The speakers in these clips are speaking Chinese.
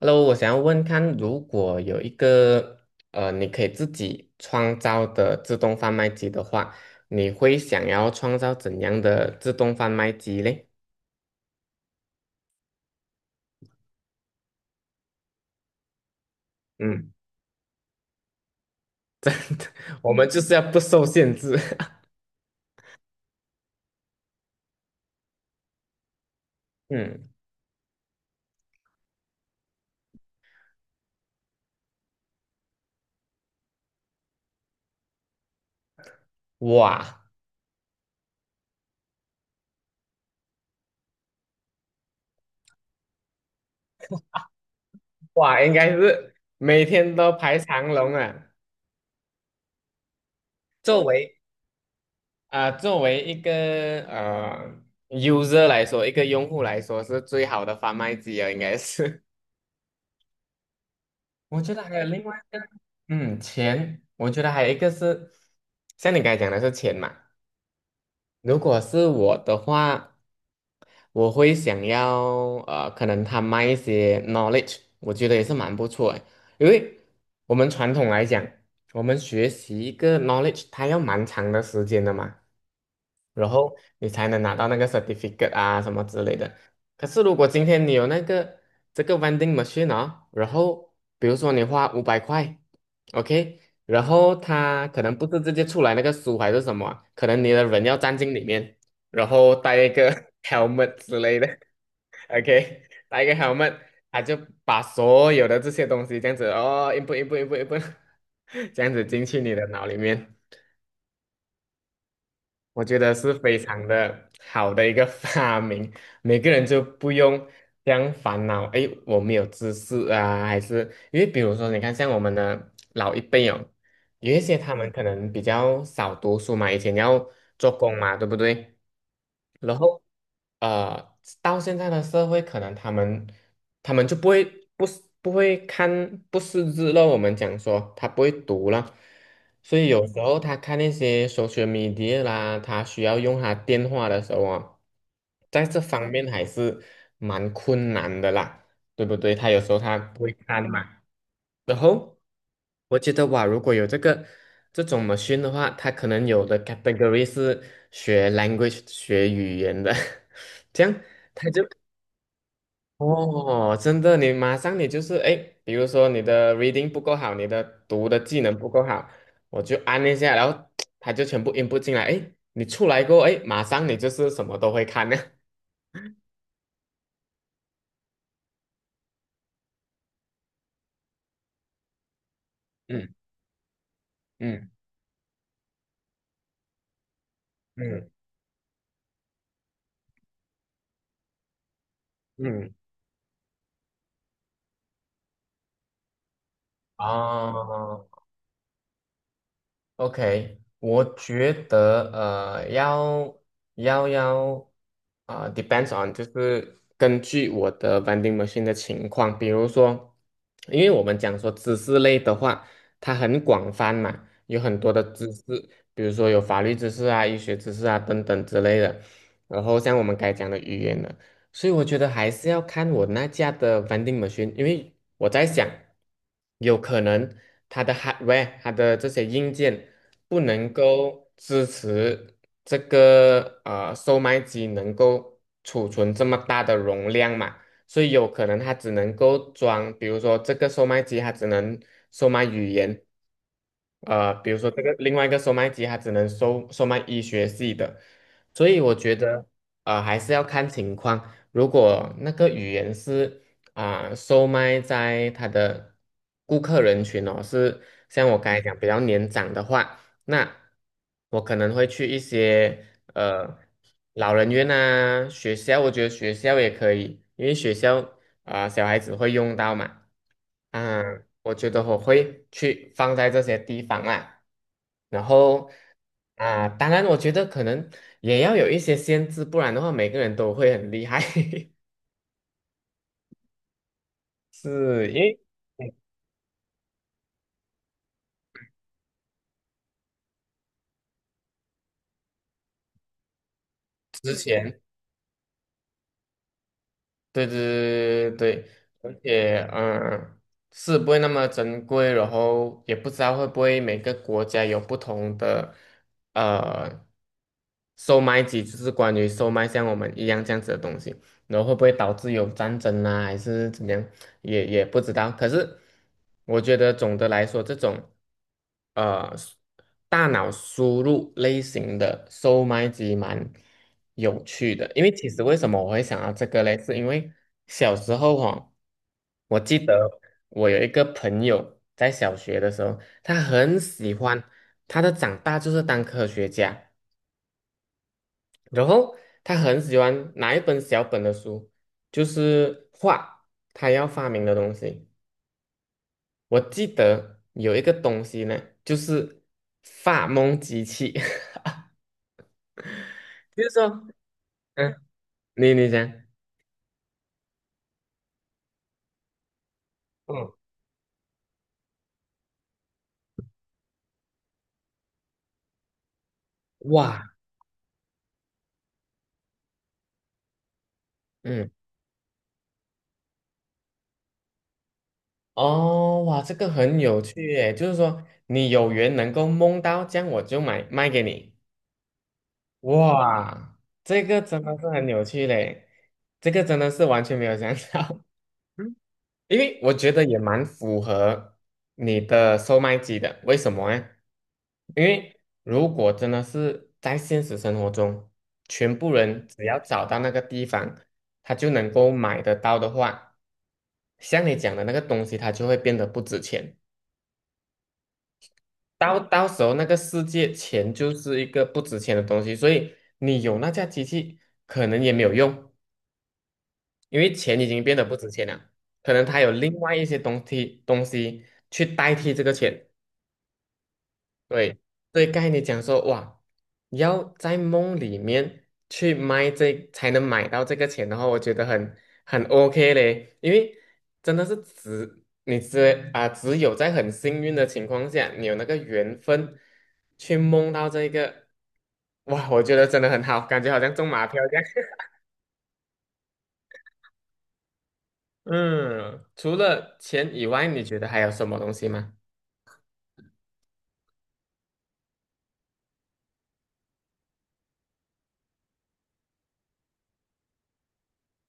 Hello，我想要问看，如果有一个你可以自己创造的自动贩卖机的话，你会想要创造怎样的自动贩卖机嘞？嗯，我们就是要不受限制。嗯，哇哇，应该是每天都排长龙啊。作为作为一个呃 user 来说，一个用户来说，是最好的贩卖机啊，应该是。我觉得还有另外一个，嗯，钱，我觉得还有一个是，像你刚才讲的是钱嘛。如果是我的话，我会想要可能他卖一些 knowledge，我觉得也是蛮不错的。因为我们传统来讲，我们学习一个 knowledge，它要蛮长的时间的嘛，然后你才能拿到那个 certificate 啊什么之类的。可是如果今天你有这个 vending machine 啊、然后比如说你花500块。OK，然后他可能不是直接出来那个书还是什么啊可能你的人要站进里面，然后戴一个 helmet 之类的，OK，戴一个 helmet，它就把所有的这些东西这样子哦一步一步一步一步 这样子进去你的脑里面。我觉得是非常的好的一个 发明，每个人就不用这样烦恼，诶，我没有知识啊，还是因为比如说，你看像我们的老一辈哦，有一些他们可能比较少读书嘛，以前要做工嘛，对不对？然后到现在的社会，可能他们就不会不是不会看不识字了。我们讲说他不会读了，所以有时候他看那些 social media 啦，他需要用他电话的时候啊，在这方面还是蛮困难的啦，对不对？他有时候他不会看嘛，然后我觉得哇，如果有这种 machine 的话，它可能有的 category 是学 language 学语言的，这样它就哦，真的，你马上你就是哎，诶比如说你的 reading 不够好，你的读的技能不够好，我就按一下，然后它就全部 input 进来，哎，你出来过后，哎，马上你就是什么都会看呢。嗯嗯嗯嗯，哦，OK，我觉得要d e p e n d s on，就是根据我的 vending machine 的情况，比如说，因为我们讲说知识类的话，它很广泛嘛，有很多的知识，比如说有法律知识啊、医学知识啊等等之类的。然后像我们该讲的语言的，所以我觉得还是要看我那家的 vending machine，因为我在想，有可能它的 hardware，它的这些硬件不能够支持这个售卖机能够储存这么大的容量嘛，所以有可能它只能够装，比如说这个售卖机它只能售卖语言，呃，比如说这个另外一个售卖机它只能售卖医学系的，所以我觉得还是要看情况。如果那个语言是售卖在他的顾客人群哦，是像我刚才讲比较年长的话，那我可能会去一些呃老人院啊、学校，我觉得学校也可以，因为学校小孩子会用到嘛，啊、我觉得我会去放在这些地方啊。然后当然我觉得可能也要有一些限制，不然的话每个人都会很厉害，是因为。之前，对对对对对，而且是不会那么珍贵，然后也不知道会不会每个国家有不同的呃售卖机，就是关于售卖像我们一样这样子的东西。然后会不会导致有战争啊，还是怎么样，也不知道。可是我觉得总的来说，这种呃大脑输入类型的售卖机蛮有趣的，因为其实为什么我会想到这个嘞，是因为小时候哦，我记得我有一个朋友在小学的时候，他很喜欢，他的长大就是当科学家。然后他很喜欢拿一本小本的书，就是画他要发明的东西。我记得有一个东西呢，就是发梦机器，就是说，嗯，你你讲。嗯，哇，嗯，哦，哇，这个很有趣耶，就是说你有缘能够梦到，这样我就买卖给你。哇，这个真的是很有趣嘞，这个真的是完全没有想到。因为我觉得也蛮符合你的售卖机的，为什么呢？因为如果真的是在现实生活中，全部人只要找到那个地方，他就能够买得到的话，像你讲的那个东西，它就会变得不值钱。到时候那个世界钱就是一个不值钱的东西，所以你有那架机器可能也没有用，因为钱已经变得不值钱了。可能它有另外一些东西去代替这个钱。对，对，刚才你讲说，哇，你要在梦里面去卖这，才能买到这个钱的话，我觉得很 OK 嘞，因为真的是只只有在很幸运的情况下，你有那个缘分去梦到这个，哇，我觉得真的很好，感觉好像中马票这样。嗯，除了钱以外，你觉得还有什么东西吗？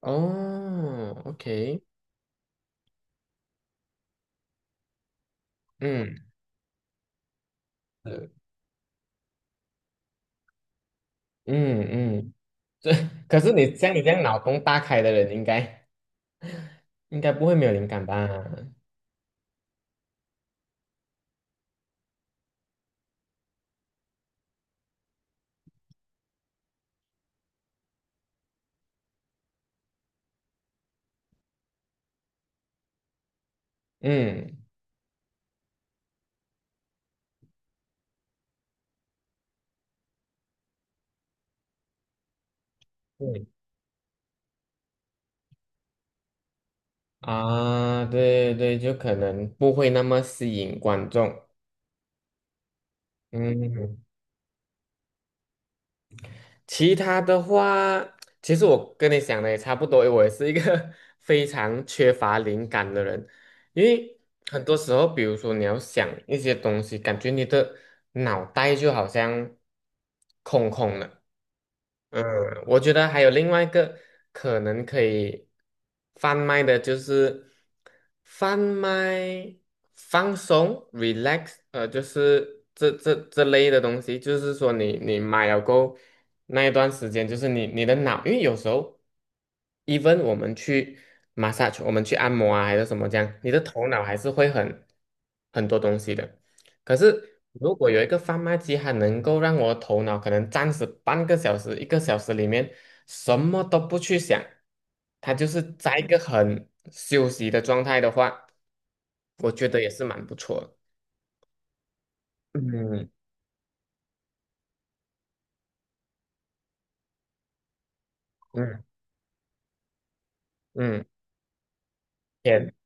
哦，OK，嗯是嗯嗯。可是你像你这样脑洞大开的人，应该不会没有灵感吧？嗯，对啊，对对对，就可能不会那么吸引观众。嗯，其他的话，其实我跟你想的也差不多，我也是一个 非常缺乏灵感的人。因为很多时候，比如说你要想一些东西，感觉你的脑袋就好像空空的。嗯，我觉得还有另外一个可能可以贩卖的，就是贩卖放松 （relax），呃，就是这类的东西。就是说你，你买了够那一段时间，就是你的脑，因为有时候。even 我们去 massage，我们去按摩啊，还是什么这样，你的头脑还是会很很多东西的。可是如果有一个贩卖机，它能够让我头脑可能暂时半个小时、1个小时里面什么都不去想，它就是在一个很休息的状态的话，我觉得也是蛮不错的。嗯嗯嗯，也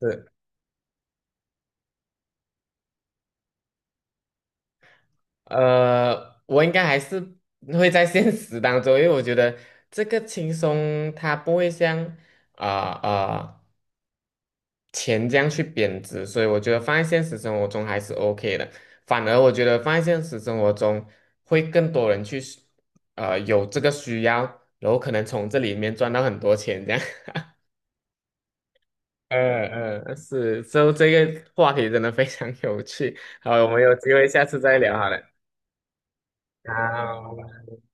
是。我应该还是会在现实当中，因为我觉得这个轻松它不会像啊啊、钱这样去贬值，所以我觉得放在现实生活中还是 OK 的。反而我觉得放在现实生活中会更多人去有这个需要，然后可能从这里面赚到很多钱这样。嗯嗯，是，所以这个话题真的非常有趣。好，我们有机会下次再聊好了。好，